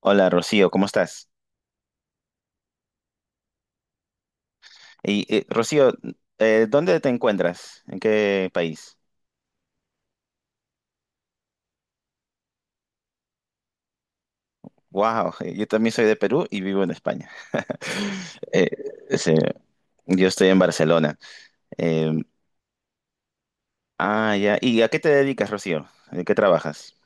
Hola Rocío, ¿cómo estás? Y Rocío, ¿dónde te encuentras? ¿En qué país? Wow, yo también soy de Perú y vivo en España. Eh, sí, yo estoy en Barcelona. Eh, ah, ya. ¿Y a qué te dedicas, Rocío? ¿En qué trabajas?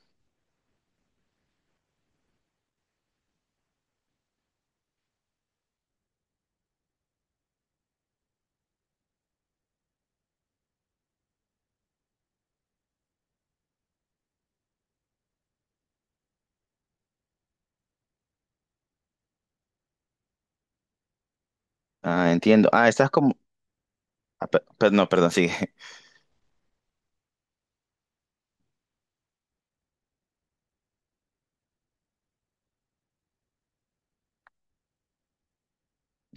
Ah, entiendo. Ah, estás como... ah, no, perdón, sigue.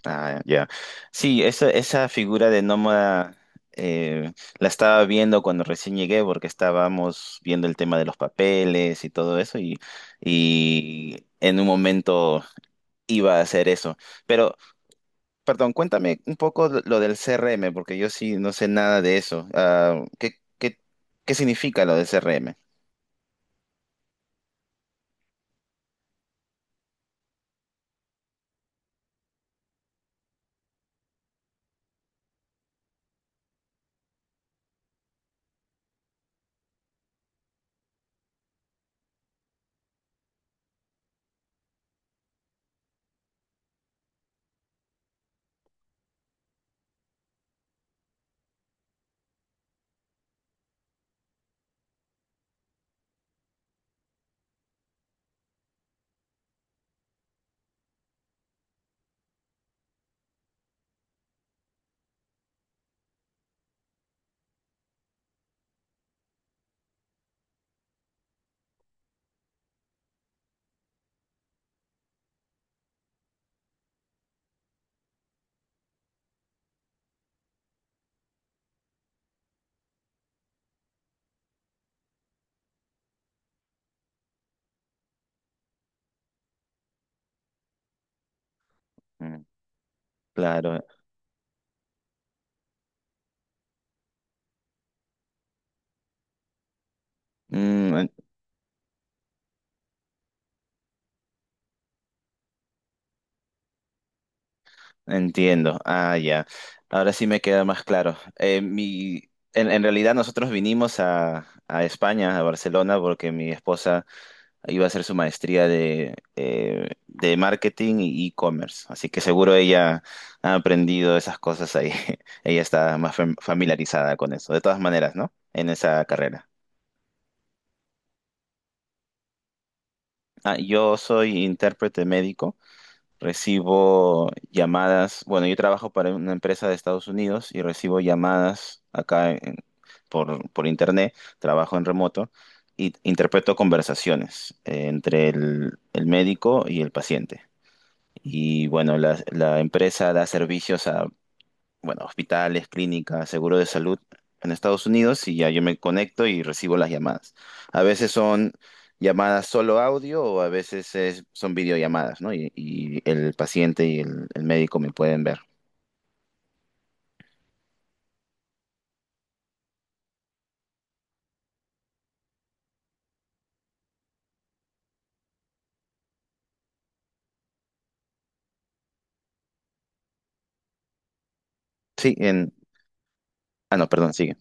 Ah, ya. Sí, esa figura de nómada eh, la estaba viendo cuando recién llegué porque estábamos viendo el tema de los papeles y todo eso y en un momento iba a hacer eso. Pero, perdón, cuéntame un poco lo del CRM porque yo sí no sé nada de eso. Ah, ¿qué significa lo del CRM? Mm. Claro. Mm. Entiendo. Ah, ya. Ahora sí me queda más claro. En realidad nosotros vinimos a España, a Barcelona, porque mi esposa iba a hacer su maestría de marketing y e-commerce. Así que seguro ella ha aprendido esas cosas ahí. Ella está más familiarizada con eso. De todas maneras, ¿no? En esa carrera. Ah, yo soy intérprete médico. Recibo llamadas, bueno, yo trabajo para una empresa de Estados Unidos y recibo llamadas por internet, trabajo en remoto y interpreto conversaciones entre el médico y el paciente. Y bueno, la empresa da servicios bueno, hospitales, clínicas, seguro de salud en Estados Unidos y ya yo me conecto y recibo las llamadas. A veces son llamadas solo audio o a veces son videollamadas, ¿no? Y el paciente y el médico me pueden ver. Sí, en... Ah, no, perdón, sigue.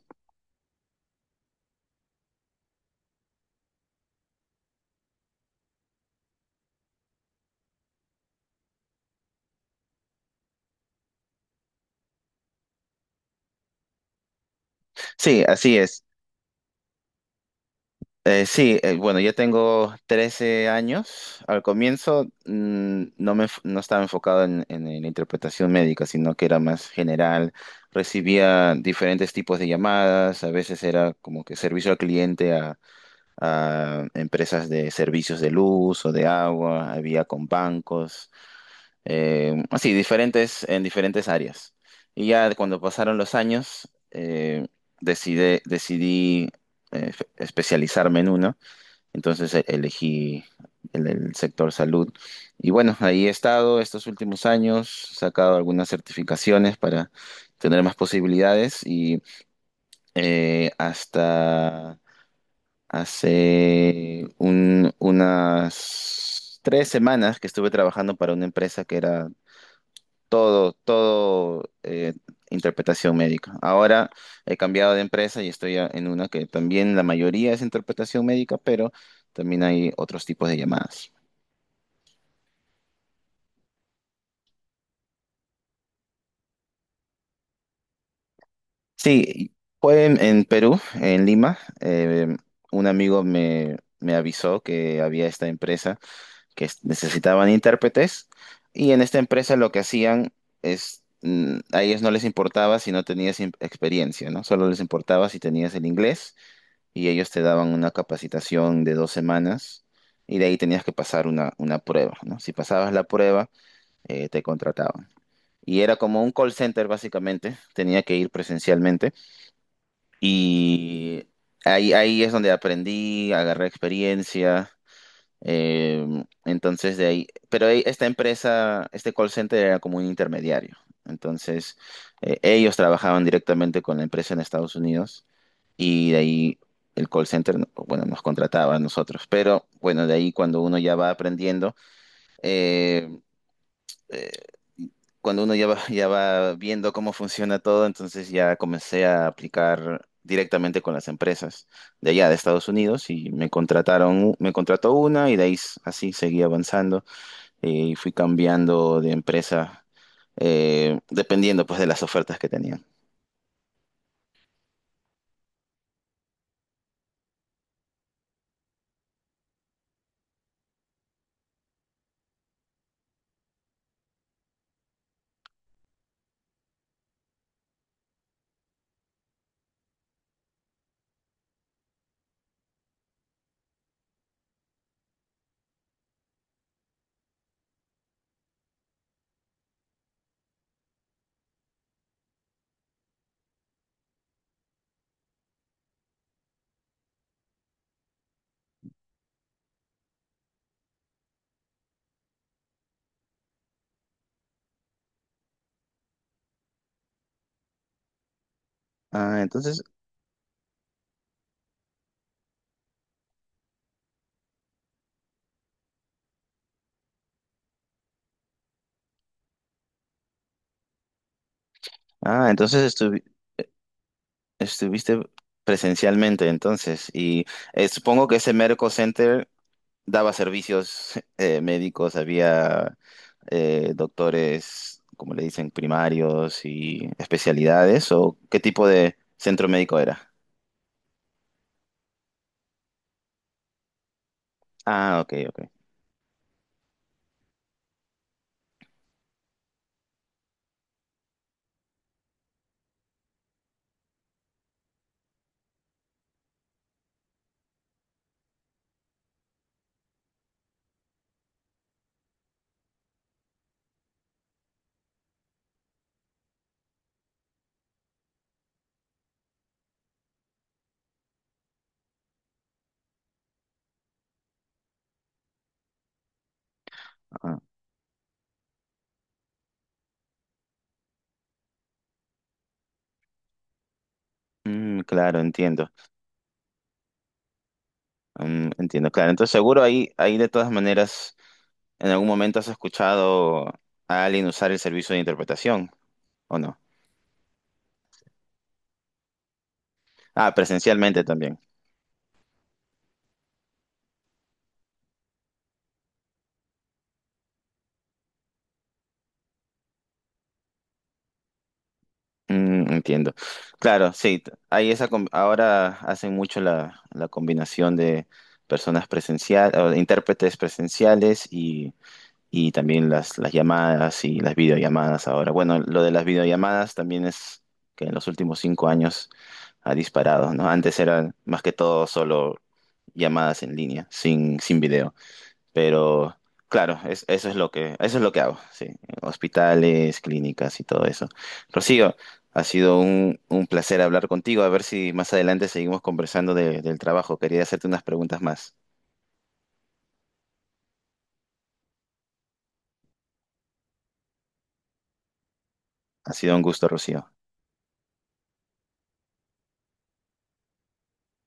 Sí, así es. Sí, bueno, yo tengo 13 años. Al comienzo no estaba enfocado en la interpretación médica, sino que era más general. Recibía diferentes tipos de llamadas, a veces era como que servicio al cliente a empresas de servicios de luz o de agua, había con bancos, así, diferentes, en diferentes áreas. Y ya cuando pasaron los años, decidí especializarme en uno. Entonces elegí el sector salud. Y bueno, ahí he estado estos últimos años, he sacado algunas certificaciones para tener más posibilidades y hasta hace unas 3 semanas que estuve trabajando para una empresa que era todo interpretación médica. Ahora he cambiado de empresa y estoy en una que también la mayoría es interpretación médica, pero también hay otros tipos de llamadas. Sí, fue en Perú, en Lima. Un amigo me, me avisó que había esta empresa que necesitaban intérpretes y en esta empresa lo que hacían es... a ellos no les importaba si no tenías experiencia, ¿no? Solo les importaba si tenías el inglés y ellos te daban una capacitación de 2 semanas y de ahí tenías que pasar una prueba, ¿no? Si pasabas la prueba, te contrataban. Y era como un call center básicamente, tenía que ir presencialmente y ahí, ahí es donde aprendí, agarré experiencia. eh, entonces de ahí, pero esta empresa, este call center era como un intermediario. Entonces, ellos trabajaban directamente con la empresa en Estados Unidos y de ahí el call center, bueno, nos contrataba a nosotros, pero bueno, de ahí cuando uno ya va aprendiendo, eh, eh, cuando uno ya va, ya va viendo cómo funciona todo, entonces ya comencé a aplicar directamente con las empresas de allá, de Estados Unidos, y me contrataron, me contrató una y de ahí así seguí avanzando y fui cambiando de empresa. Dependiendo pues de las ofertas que tenían. Ah, entonces, ah, entonces estuviste presencialmente entonces y supongo que ese Medical Center daba servicios médicos, había doctores, como le dicen, primarios y especialidades o qué tipo de centro médico era. Ah, ok, ok. Ah, mm, claro, entiendo. Mm, entiendo, claro. Entonces seguro ahí, ahí de todas maneras, en algún momento has escuchado a alguien usar el servicio de interpretación, ¿o no? Ah, presencialmente también. Mm, entiendo. Claro, sí, hay ahora hacen mucho la, la combinación de personas presenciales, intérpretes presenciales y también las llamadas y las videollamadas ahora. Bueno, lo de las videollamadas también es que en los últimos 5 años ha disparado, ¿no? Antes eran más que todo solo llamadas en línea, sin, sin video. Pero claro, eso es lo que, eso es lo que hago, sí. Hospitales, clínicas y todo eso. Rocío, ha sido un placer hablar contigo. A ver si más adelante seguimos conversando del trabajo. Quería hacerte unas preguntas más. Ha sido un gusto, Rocío.